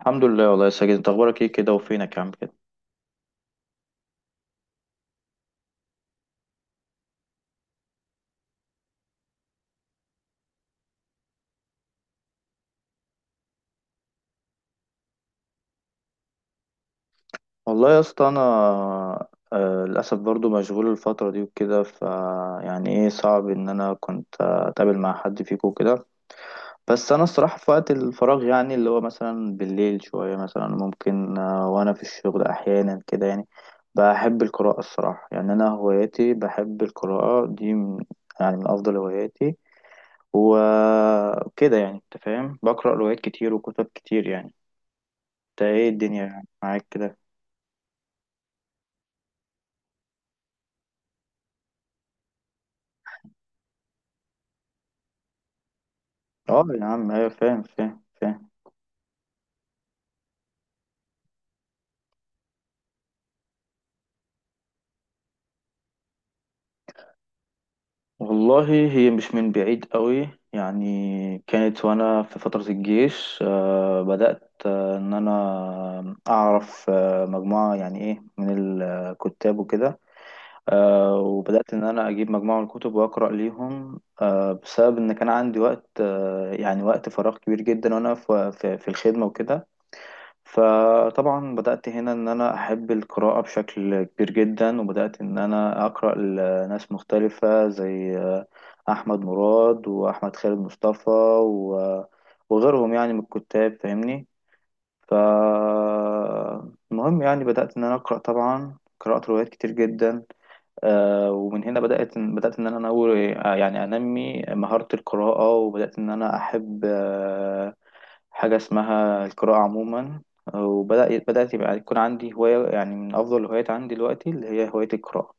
الحمد لله والله يا ساجد انت اخبارك ايه كده وفينك يا عم كده. والله يا اسطى انا، للاسف برضو مشغول الفتره دي وكده. يعني صعب ان انا كنت اتقابل مع حد فيكم وكده. بس انا الصراحه في وقت الفراغ يعني اللي هو مثلا بالليل شويه مثلا ممكن، وانا في الشغل احيانا كده يعني بحب القراءه الصراحه. يعني انا هواياتي بحب القراءه دي من، يعني من افضل هواياتي وكده. يعني انت فاهم، بقرا روايات كتير وكتب كتير يعني. انت ايه الدنيا معاك كده؟ اه يا عم، ايوه فاهم فاهم. والله هي مش من بعيد قوي، يعني كانت وانا في فترة الجيش بدأت ان انا اعرف مجموعة يعني ايه من الكتاب وكده. وبدأت ان انا اجيب مجموعة من الكتب واقرأ ليهم، بسبب ان كان عندي وقت يعني وقت فراغ كبير جدا وانا في الخدمة وكده. فطبعا بدأت هنا إن أنا أحب القراءة بشكل كبير جدا، وبدأت إن أنا أقرأ لناس مختلفة زي أحمد مراد وأحمد خالد مصطفى و- وغيرهم يعني من الكتاب فاهمني. فالمهم يعني بدأت إن أنا أقرأ، طبعا قرأت روايات كتير جدا، ومن هنا بدأت إن أنا أنوي يعني أنمي مهارة القراءة، وبدأت إن أنا أحب حاجة اسمها القراءة عموما. وبدأ بدأت يبقى يكون عندي هواية، يعني من أفضل الهوايات عندي دلوقتي اللي هي هواية القراءة.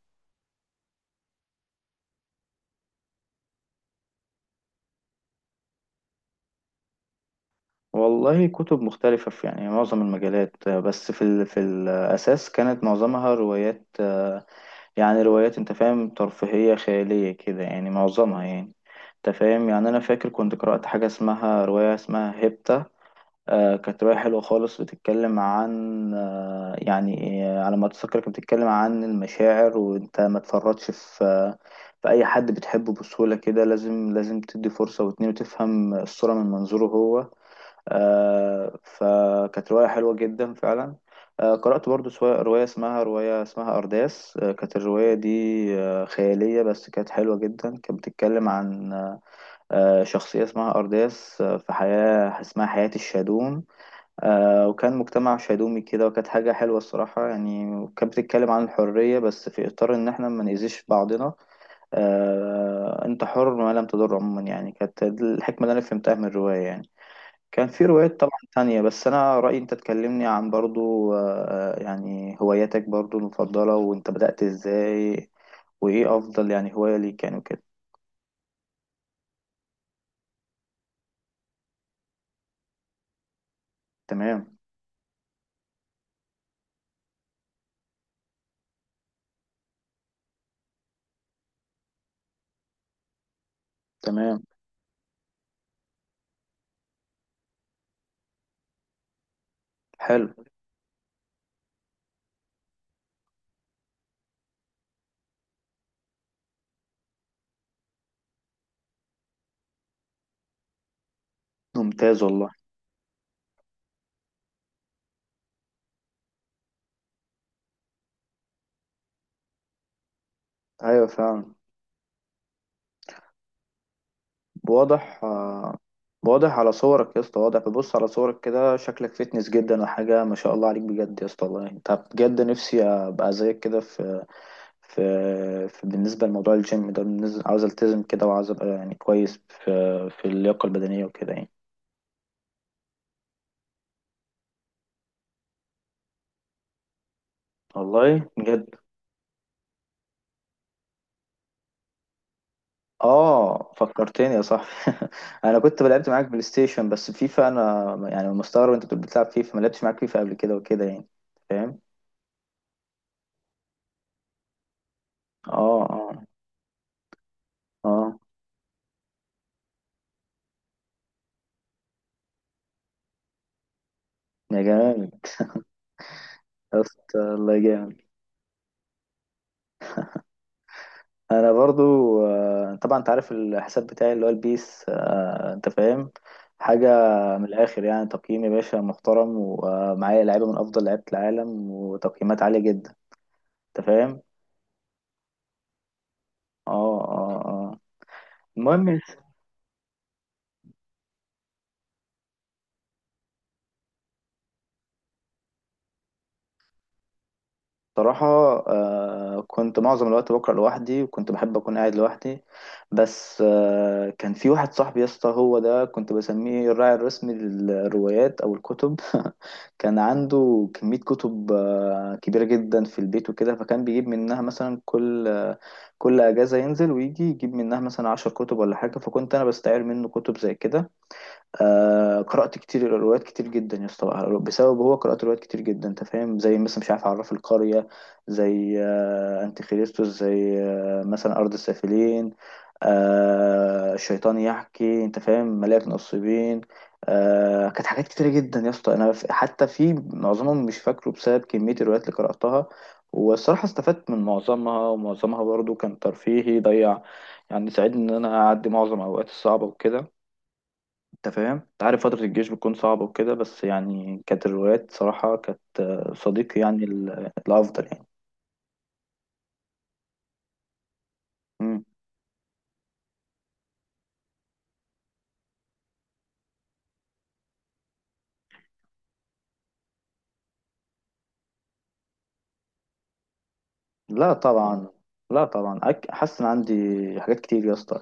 والله كتب مختلفة في يعني معظم المجالات، بس في الأساس كانت معظمها روايات، يعني روايات أنت فاهم، ترفيهية خيالية كده يعني معظمها يعني. أنت فاهم، يعني أنا فاكر كنت قرأت حاجة اسمها رواية اسمها هيبتا. كانت رواية حلوة خالص، بتتكلم عن على ما أتذكر كانت بتتكلم عن المشاعر، وأنت ما تفرطش في في أي حد بتحبه بسهولة كده، لازم تدي فرصة واتنين وتفهم الصورة من منظوره هو. فكانت رواية حلوة جدا فعلا. قرأت برضو رواية اسمها أرداس. كانت الرواية دي خيالية، بس كانت حلوة جدا. كانت بتتكلم عن شخصية اسمها أرداس في حياة اسمها حياة الشادون، وكان مجتمع شيدومي كده، وكانت حاجة حلوة الصراحة يعني. وكانت بتتكلم عن الحرية، بس في إطار إن إحنا ما نأذيش بعضنا. أنت حر ما لم تضر عموما. يعني كانت دي الحكمة اللي أنا فهمتها من الرواية يعني. كان في روايات طبعا تانية. بس أنا رأيي أنت تكلمني عن برضو يعني هواياتك برضو المفضلة، وأنت بدأت إزاي، وإيه أفضل يعني هواية ليك يعني وكده. تمام. تمام. حلو. ممتاز والله. أيوة فعلا. واضح، واضح على صورك يا اسطى، واضح. ببص على صورك كده شكلك فيتنس جدا وحاجة، ما شاء الله عليك بجد يا اسطى، والله انت بجد نفسي ابقى زيك كده في، في بالنسبة لموضوع الجيم ده. عاوز التزم كده، وعاوز ابقى يعني كويس في في اللياقة البدنية وكده يعني. والله بجد. اه فكرتني يا صاحبي. انا كنت لعبت معاك بلاي ستيشن، بس فيفا انا يعني مستغرب انت بتقول بتلعب فيفا، ما لعبتش معاك فيفا قبل كده وكده يعني. فاهم. اه اه اه. يا جمال. يا اسطى الله جامد. انا برضو، طبعا انت عارف الحساب بتاعي اللي هو البيس، انت فاهم حاجة من الاخر، يعني تقييم يا باشا محترم، ومعايا لعيبة من افضل لعيبة العالم وتقييمات عالية جدا. انت فاهم. اه اه اه. المهم، صراحة كنت معظم الوقت بقرأ لوحدي، وكنت بحب أكون قاعد لوحدي. بس كان في واحد صاحبي يا اسطى، هو ده كنت بسميه الراعي الرسمي للروايات أو الكتب. كان عنده كمية كتب كبيرة جدا في البيت وكده، فكان بيجيب منها مثلا كل كل أجازة ينزل ويجي يجيب منها مثلا عشر كتب ولا حاجة، فكنت أنا بستعير منه كتب زي كده. قرأت كتير، روايات كتير جدا يا اسطى بسبب هو قرأت روايات كتير جدا انت فاهم، زي مثلا مش عارف عراف القرية، زي انتي خريستوس، زي مثلا أرض السافلين، الشيطان يحكي، انت فاهم، ملاك نصيبين. كانت حاجات كتيرة جدا يا اسطى انا حتى في معظمهم مش فاكره بسبب كمية الروايات اللي قرأتها. والصراحة استفدت من معظمها، ومعظمها برضو كان ترفيهي ضيع، يعني ساعدني ان انا اعدي معظم اوقاتي الصعبة وكده. انت فاهم، انت عارف فترة الجيش بتكون صعبة وكده، بس يعني كانت الروايات صراحة كانت صديقي يعني الأفضل يعني. مم. لا طبعا. لا طبعا، حاسس إن عندي حاجات كتير يا اسطى.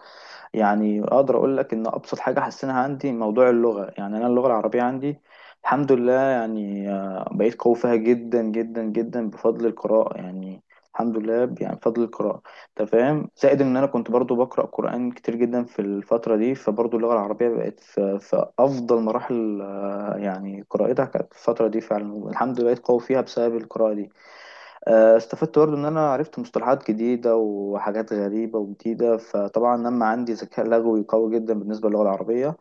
يعني اقدر اقول لك ان ابسط حاجه حسنها عندي موضوع اللغه، يعني انا اللغه العربيه عندي الحمد لله، يعني بقيت قوي فيها جدا جدا جدا بفضل القراءه. يعني الحمد لله يعني بفضل القراءه. انت فاهم، زائد ان انا كنت برضو بقرا قران كتير جدا في الفتره دي، فبرضو اللغه العربيه بقت في افضل مراحل يعني قراءتها كانت في الفتره دي. فعلا الحمد لله بقيت قوي فيها بسبب القراءه دي. استفدت برضه ان انا عرفت مصطلحات جديده وحاجات غريبه وجديده، فطبعا لما عندي ذكاء لغوي قوي جدا بالنسبه للغه العربيه.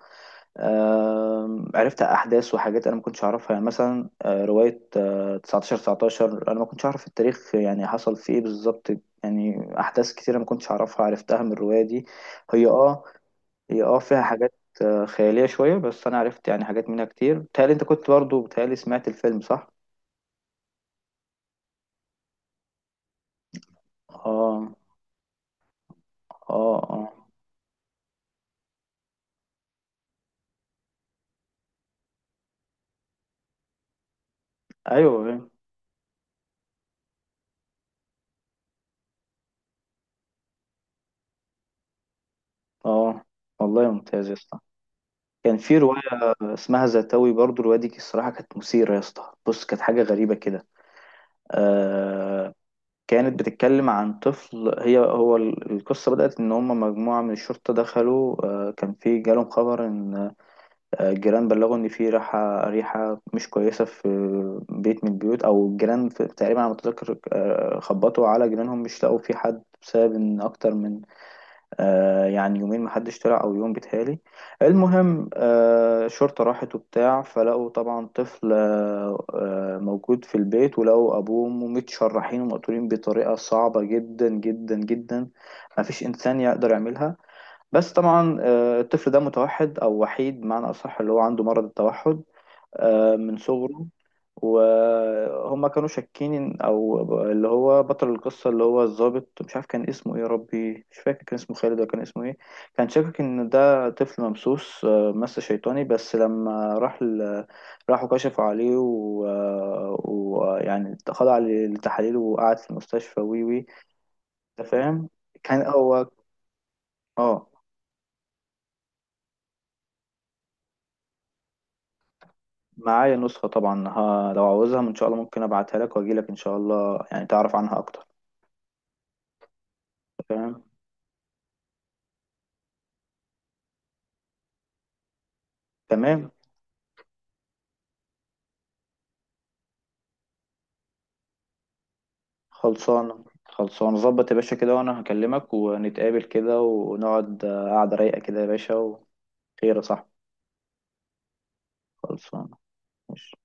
عرفت احداث وحاجات انا ما كنتش اعرفها، يعني مثلا روايه 1919 انا ما كنتش اعرف التاريخ يعني حصل فيه ايه بالظبط. يعني احداث كتيره ما كنتش اعرفها، عرفتها من الروايه دي. هي اه هي فيها حاجات خياليه شويه، بس انا عرفت يعني حاجات منها كتير. بتهيألي انت كنت برضه، بتهيألي سمعت الفيلم صح؟ اه اه اه. ايوه. اه. والله ممتاز يا اسطى. كان في رواية اسمها زتاوي، برضو الرواية دي الصراحة كانت مثيرة يا اسطى. بص كانت حاجة غريبة كده. آه كانت بتتكلم عن طفل، هي هو القصة بدأت إن هم مجموعة من الشرطة دخلوا، كان في جالهم خبر إن الجيران بلغوا إن في ريحة مش كويسة في بيت من البيوت أو الجيران في، تقريبا على ما أتذكر خبطوا على جيرانهم مش لقوا في حد، بسبب إن أكتر من يعني يومين محدش طلع، او يوم بيتهيألي. المهم الشرطة راحت وبتاع، فلقوا طبعا طفل موجود في البيت، ولقوا ابوه وامه متشرحين ومقتولين بطريقة صعبة جدا جدا جدا، مفيش انسان يقدر يعملها. بس طبعا الطفل ده متوحد، او وحيد بمعنى اصح، اللي هو عنده مرض التوحد من صغره. وهم كانوا شاكين اللي هو بطل القصه اللي هو الضابط، مش عارف كان اسمه ايه يا ربي، مش فاكر كان اسمه خالد ولا كان اسمه ايه، كان شاكك ان ده طفل ممسوس، مس شيطاني. بس لما راحوا كشفوا عليه، يعني خضع للتحاليل وقعد في المستشفى وي وي انت فاهم، كان هو، اه. معايا نسخه طبعا، ها لو عاوزها ان شاء الله ممكن ابعتها لك واجي لك ان شاء الله يعني تعرف عنها اكتر. تمام. تمام. خلصانة، خلصانة، ظبط يا باشا كده. وانا هكلمك ونتقابل كده ونقعد قعدة رايقة كده يا باشا، وخير يا صاحبي. خلصانة. ماشي.